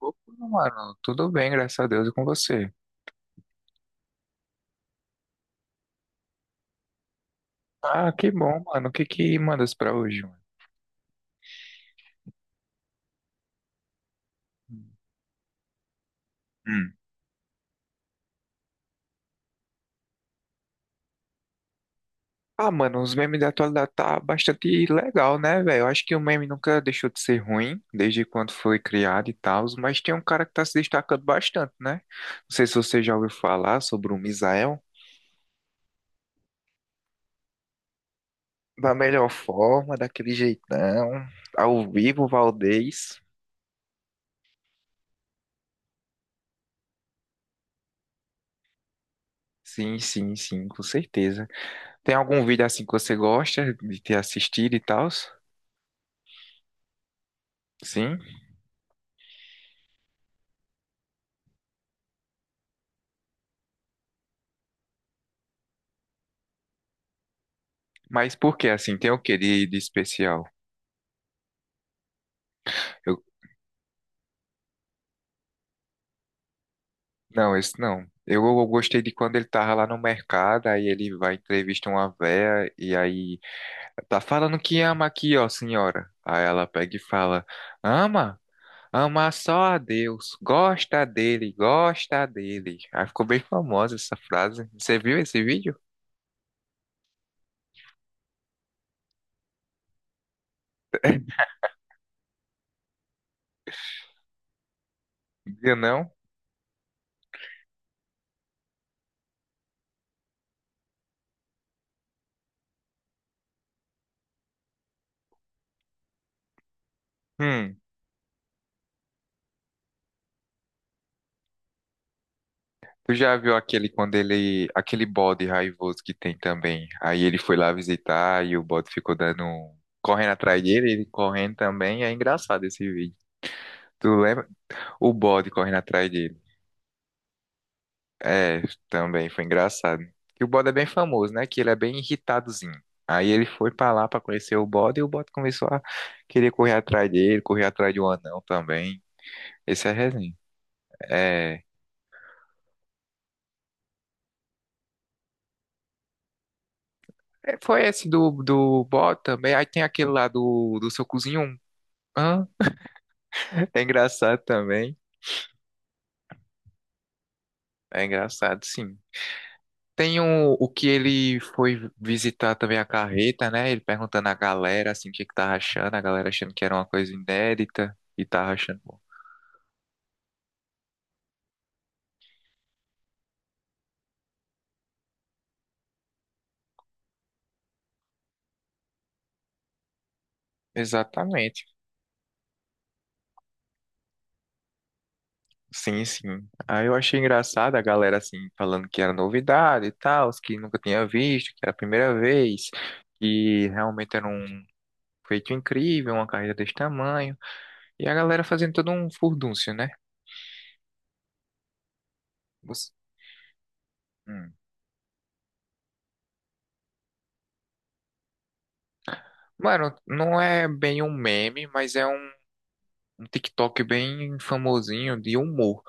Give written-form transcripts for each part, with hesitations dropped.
Opa, mano, tudo bem, graças a Deus, e com você? Ah, que bom, mano. O que que mandas pra hoje, mano? Hum. Ah, mano, os memes da atualidade tá bastante legal, né, velho? Eu acho que o meme nunca deixou de ser ruim, desde quando foi criado e tal, mas tem um cara que tá se destacando bastante, né? Não sei se você já ouviu falar sobre o Misael. Da melhor forma, daquele jeitão, ao vivo, Valdez. Sim, sim, sim, com certeza. Tem algum vídeo assim que você gosta de ter assistido e tal? Sim? Mas por que assim? Tem o que de especial? Eu, não, esse não. Eu gostei de quando ele tava lá no mercado, aí ele vai entrevista uma véia e aí tá falando que ama aqui, ó, senhora. Aí ela pega e fala: "Ama? Ama só a Deus, gosta dele, gosta dele". Aí ficou bem famosa essa frase. Você viu esse vídeo? Eu não? Hum. Tu já viu aquele quando ele, aquele bode raivoso que tem também? Aí ele foi lá visitar e o bode ficou dando, correndo atrás dele, ele correndo também. É engraçado esse vídeo. Tu lembra? O bode correndo atrás dele. É, também foi engraçado. Que o bode é bem famoso, né? Que ele é bem irritadozinho. Aí ele foi pra lá pra conhecer o bode e o bode começou a querer correr atrás dele, correr atrás de um anão também. Esse é resenha. É, é, foi esse do bode também. Aí tem aquele lá do seu cozinho. É engraçado também. É engraçado, sim. Tem o que ele foi visitar também a carreta, né? Ele perguntando à galera, assim, o que é que tava achando. A galera achando que era uma coisa inédita e tava achando bom. Exatamente. Sim, sim. Aí eu achei engraçado a galera, assim, falando que era novidade e tal, os que nunca tinha visto, que era a primeira vez, que realmente era um feito incrível, uma carreta desse tamanho. E a galera fazendo todo um furdúncio, né? Você- hum. Mano, não é bem um meme, mas é um TikTok bem famosinho de humor.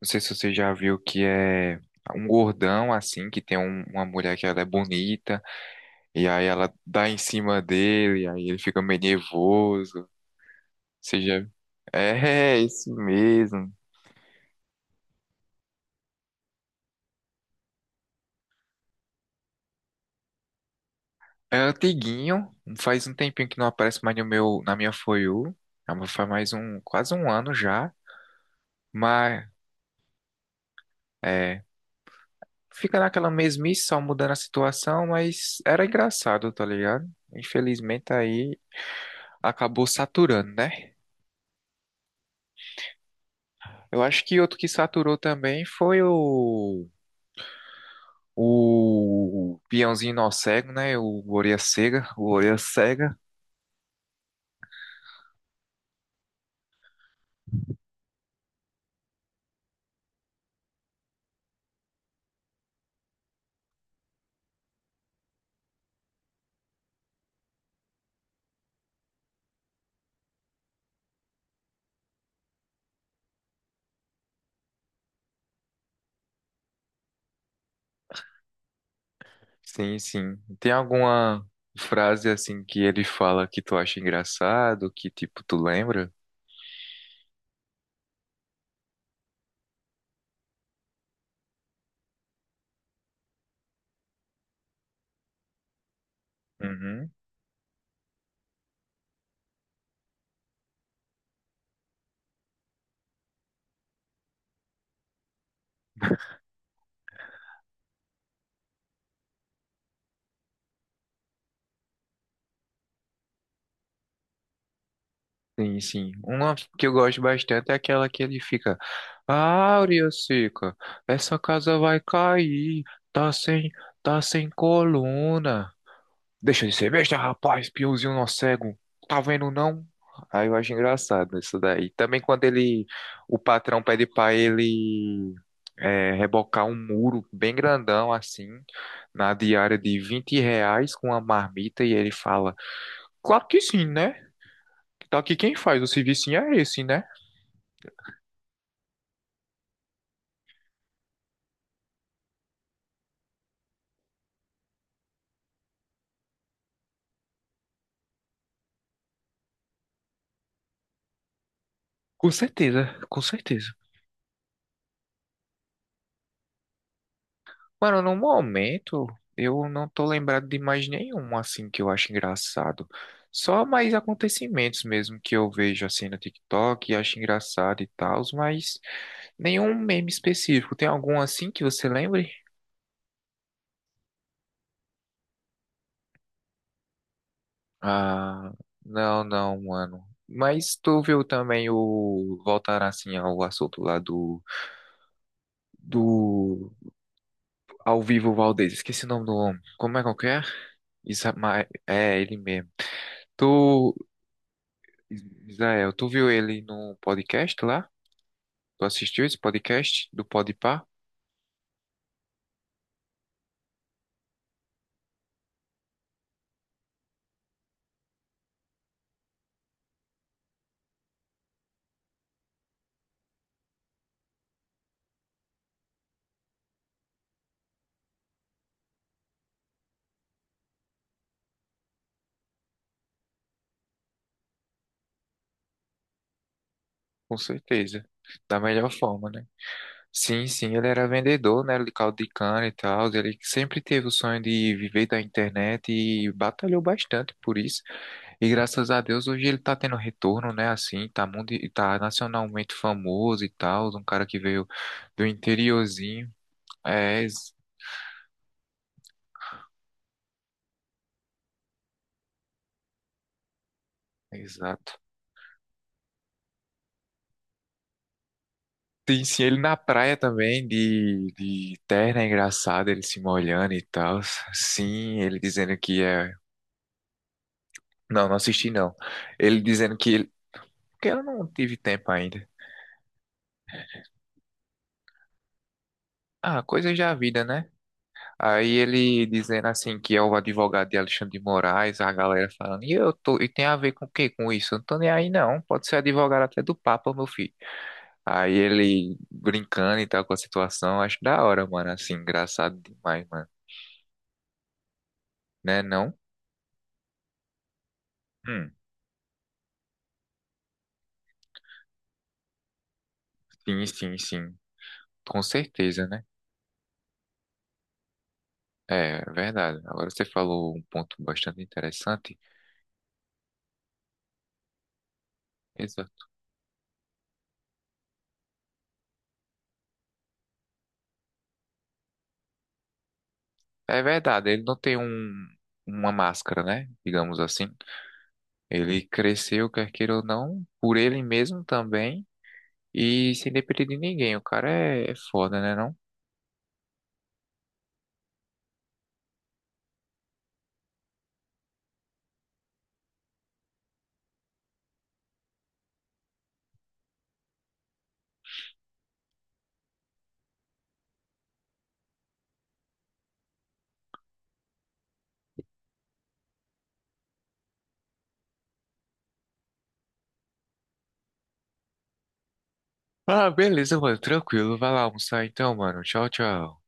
Não sei se você já viu que é um gordão assim, que tem uma mulher que ela é bonita, e aí ela dá em cima dele, e aí ele fica meio nervoso. Você já é, é esse mesmo. É antiguinho, faz um tempinho que não aparece mais no meu, na minha For You. Ah, mas faz mais um, quase um ano já. Mas. É, fica naquela mesmice, só mudando a situação, mas era engraçado, tá ligado? Infelizmente aí acabou saturando, né? Eu acho que outro que saturou também foi o peãozinho nó cego, né? O orelha cega, o orelha cega. Sim, sim. Tem alguma frase assim que ele fala que tu acha engraçado, que tipo tu lembra? Uhum. Sim, sim. Uma que eu gosto bastante é aquela que ele fica. Áurea seca, essa casa vai cair. Tá sem, tá sem coluna. Deixa de ser besta, rapaz, peãozinho não cego. Tá vendo não? Aí eu acho engraçado isso daí. Também quando ele, o patrão pede pra ele é, rebocar um muro bem grandão assim, na diária de 20 reais com uma marmita e ele fala, claro que sim, né? Tá aqui quem faz, o serviço é esse, né? Com certeza, com certeza. Mano, no momento eu não tô lembrado de mais nenhum assim que eu acho engraçado. Só mais acontecimentos mesmo que eu vejo assim no TikTok e acho engraçado e tal, mas nenhum meme específico. Tem algum assim que você lembre? Ah, não, não, mano. Mas tu viu também o voltar assim ao assunto lá do ao vivo Valdez. Esqueci o nome do homem. Como é que é? Isamael, é ele mesmo. Tu, Israel, tu viu ele no podcast lá? Tu assistiu esse podcast do Podpah? Com certeza. Da melhor forma, né? Sim, sim, ele era vendedor, né? De caldo de cana e tal. Ele sempre teve o sonho de viver da internet e batalhou bastante por isso. E graças a Deus hoje ele tá tendo retorno, né? Assim, tá, mundi tá nacionalmente famoso e tal. Um cara que veio do interiorzinho. É, exato. Sim, sim, ele na praia também, de terno, é engraçado, ele se molhando e tal. Sim, ele dizendo que é. Não, não assisti não. Ele dizendo que ele. Porque eu não tive tempo ainda. Ah, coisa já vida, né? Aí ele dizendo assim que é o advogado de Alexandre de Moraes, a galera falando, e eu tô, e tem a ver com o quê com isso? Eu não tô nem aí não, pode ser advogado até do Papa, meu filho. Aí ele brincando e tal com a situação, acho da hora, mano, assim, engraçado demais, mano, né não? Hum. Sim, sim, sim. Com certeza, né? É verdade. Agora você falou um ponto bastante interessante. Exato. É verdade, ele não tem um, uma máscara, né? Digamos assim. Ele cresceu, quer queira ou não, por ele mesmo também. E sem depender de ninguém. O cara é, é foda, né, não? Ah, beleza, mano. Tranquilo. Vai lá almoçar então, mano. Tchau, tchau.